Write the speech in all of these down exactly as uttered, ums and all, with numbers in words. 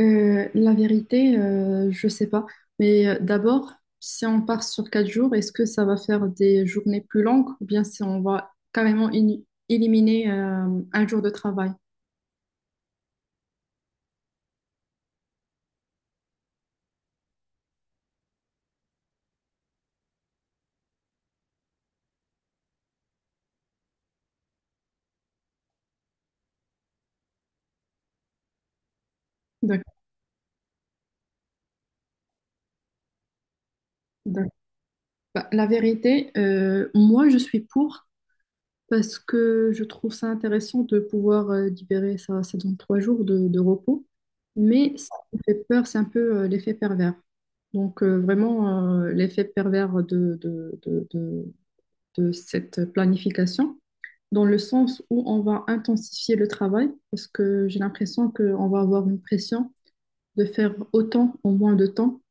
Euh, la vérité, euh, je sais pas. Mais euh, d'abord, si on part sur quatre jours, est-ce que ça va faire des journées plus longues ou bien si on va carrément in- éliminer euh, un jour de travail? D'accord. D'accord. Bah, la vérité, euh, moi, je suis pour parce que je trouve ça intéressant de pouvoir euh, libérer ça, ça donne trois jours de, de repos. Mais ça me fait peur, c'est un peu euh, l'effet pervers. Donc, euh, vraiment, euh, l'effet pervers de de de cette planification, dans le sens où on va intensifier le travail, parce que j'ai l'impression qu'on va avoir une pression de faire autant en moins de temps,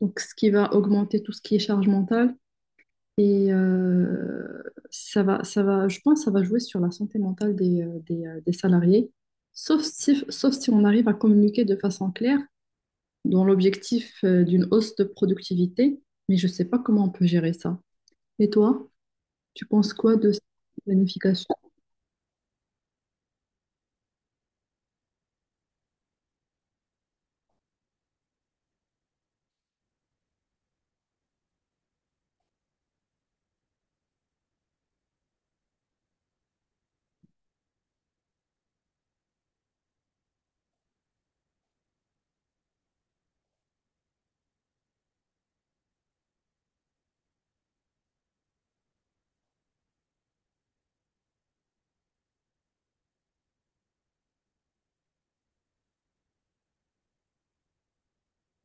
donc ce qui va augmenter tout ce qui est charge mentale. Et euh, ça va, ça va, je pense que ça va jouer sur la santé mentale des, euh, des, euh, des salariés, sauf si, sauf si on arrive à communiquer de façon claire dans l'objectif euh, d'une hausse de productivité, mais je ne sais pas comment on peut gérer ça. Et toi, tu penses quoi de cette planification?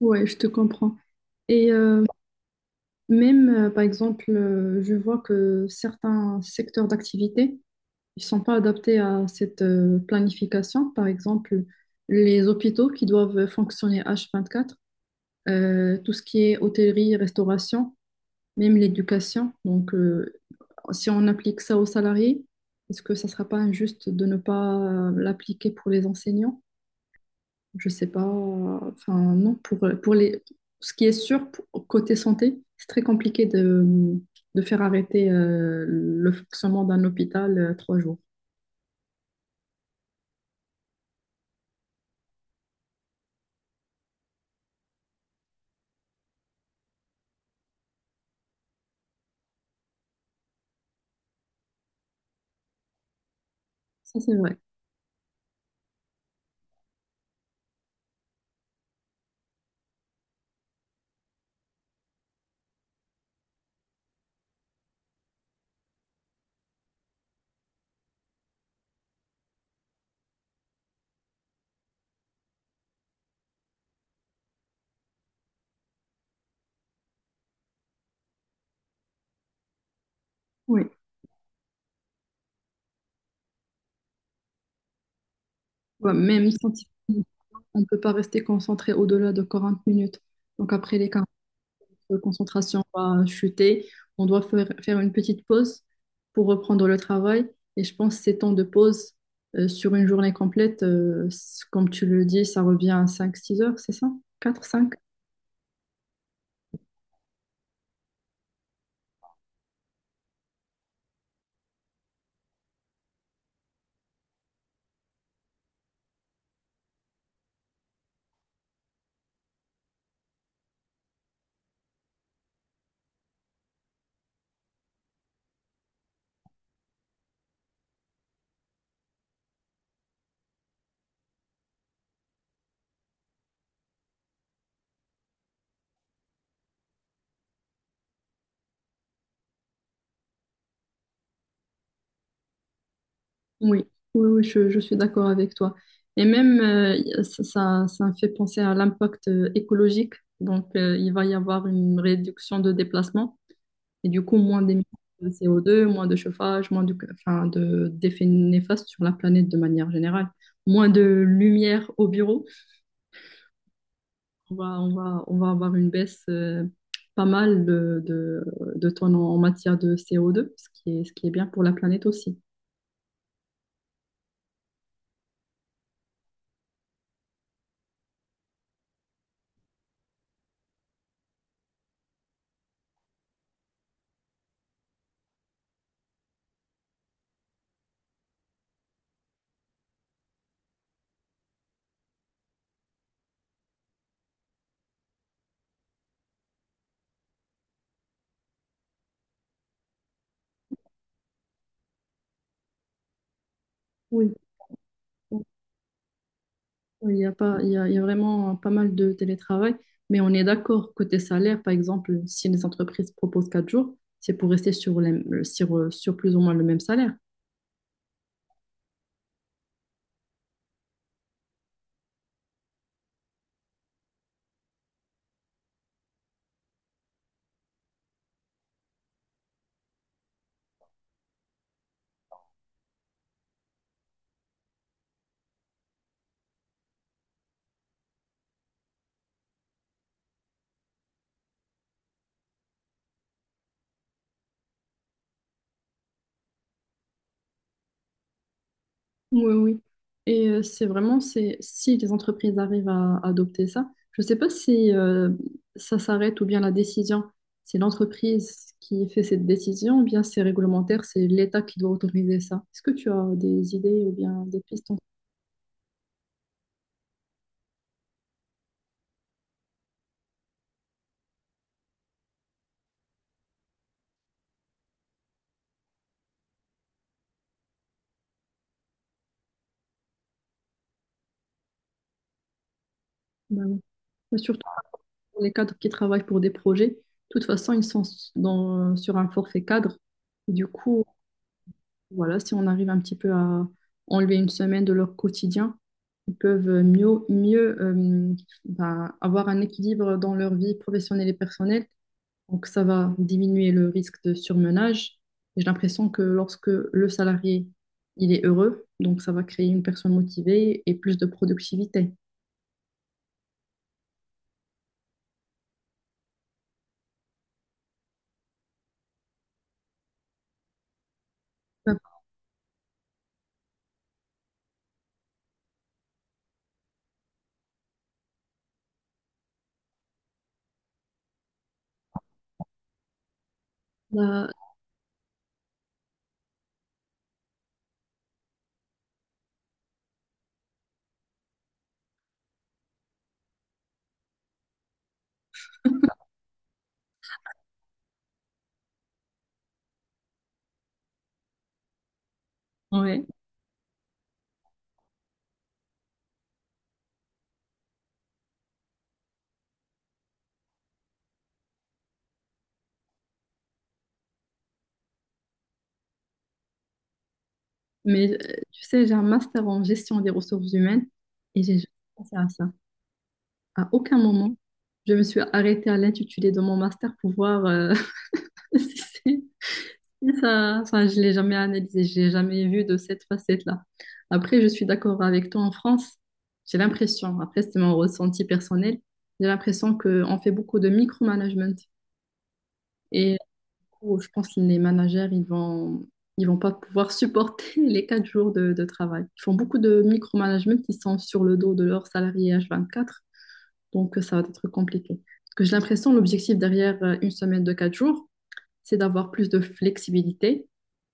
Ouais, je te comprends. Et euh, même, euh, par exemple, euh, je vois que certains secteurs d'activité, ils sont pas adaptés à cette euh, planification. Par exemple, les hôpitaux qui doivent fonctionner h vingt-quatre, euh, tout ce qui est hôtellerie, restauration, même l'éducation. Donc, euh, si on applique ça aux salariés, est-ce que ça sera pas injuste de ne pas euh, l'appliquer pour les enseignants? Je sais pas. Enfin, non, pour, pour les... ce qui est sûr, pour- côté santé, c'est très compliqué de, de faire arrêter euh, le fonctionnement d'un hôpital euh, trois jours. Ça, c'est vrai. Oui. Ouais, même scientifiquement, on ne peut pas rester concentré au-delà de quarante minutes. Donc, après les quarante, notre concentration va chuter. On doit faire, faire une petite pause pour reprendre le travail. Et je pense que ces temps de pause euh, sur une journée complète, euh, c- comme tu le dis, ça revient à cinq, six heures, c'est ça? Quatre, cinq. Oui, oui, oui, je, je suis d'accord avec toi. Et même, euh, ça, ça, ça me fait penser à l'impact euh, écologique. Donc, euh, il va y avoir une réduction de déplacement. Et du coup, moins d'émissions de c o deux, moins de chauffage, moins de, enfin, de, d'effets néfastes sur la planète de manière générale. Moins de lumière au bureau. On va, on va, on va avoir une baisse euh, pas mal de, de, de tonnes en en matière de c o deux, ce qui est, ce qui est bien pour la planète aussi. Oui, oui, il y a pas, il y a, il y a vraiment pas mal de télétravail, mais on est d'accord, côté salaire, par exemple, si les entreprises proposent quatre jours, c'est pour rester sur, les- sur, sur plus ou moins le même salaire. Oui, oui. Et euh, c'est vraiment, c'est si les entreprises arrivent à adopter ça, je ne sais pas si euh, ça s'arrête ou bien la décision, c'est l'entreprise qui fait cette décision ou bien c'est réglementaire, c'est l'État qui doit autoriser ça. Est-ce que tu as des idées ou bien des pistes en- Ben oui. Mais surtout pour les cadres qui travaillent pour des projets, de toute façon, ils sont s- dans, sur un forfait cadre. Du coup, voilà, si on arrive un petit peu à enlever une semaine de leur quotidien, ils peuvent euh, mieux, mieux euh, ben, avoir un équilibre dans leur vie professionnelle et personnelle. Donc, ça va diminuer le risque de surmenage. Et j'ai l'impression que lorsque le salarié, il est heureux, donc ça va créer une personne motivée et plus de productivité. Bah, bah, ouais. Mais euh, tu sais, j'ai un master en gestion des ressources humaines et j'ai juste pensé à ça. À aucun moment, je me suis arrêtée à l'intitulé de mon master pour voir euh, si c'est- si ça. Enfin, je l'ai jamais analysé, je l'ai jamais vu de cette facette-là. Après, je suis d'accord avec toi en France. J'ai l'impression, après, c'est mon ressenti personnel, j'ai l'impression qu'on fait beaucoup de micromanagement. Et du coup, je pense que les managers, ils vont, ils vont pas pouvoir supporter les quatre jours de, de travail. Ils font beaucoup de micromanagement qui sont sur le dos de leurs salariés h vingt-quatre. Donc, euh, ça va être compliqué. Parce que j'ai l'impression, l'objectif derrière euh, une semaine de quatre jours, c'est d'avoir plus de flexibilité,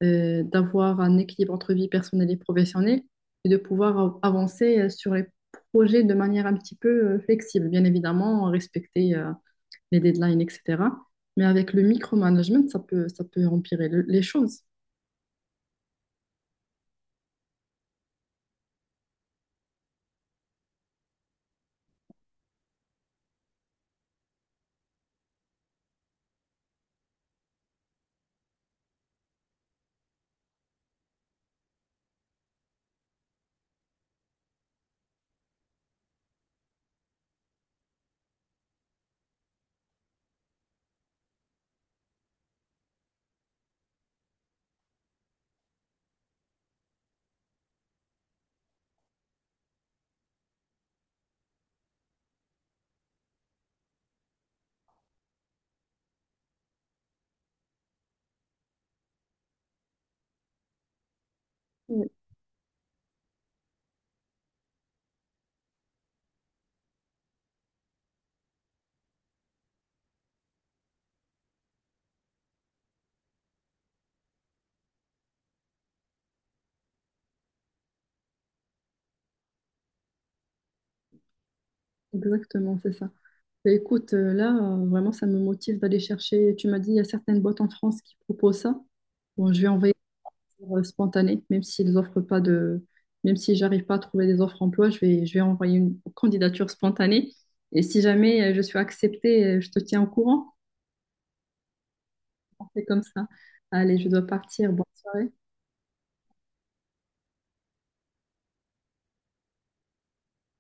euh, d'avoir un équilibre entre vie personnelle et professionnelle et de pouvoir av- avancer euh, sur les projets de manière un petit peu euh, flexible. Bien évidemment, respecter euh, les deadlines, et cetera. Mais avec le micromanagement, ça peut, ça peut empirer le- les choses. Oui, exactement, c'est ça. Et écoute, euh, là, euh, vraiment, ça me motive d'aller chercher. Tu m'as dit, il y a certaines boîtes en France qui proposent ça. Bon, je vais envoyer euh, spontanée, même s'ils offrent pas de, même si j'arrive pas à trouver des offres emploi, je vais, je vais envoyer une candidature spontanée. Et si jamais euh, je suis acceptée, euh, je te tiens au courant. On fait comme ça. Allez, je dois partir. Bonne soirée.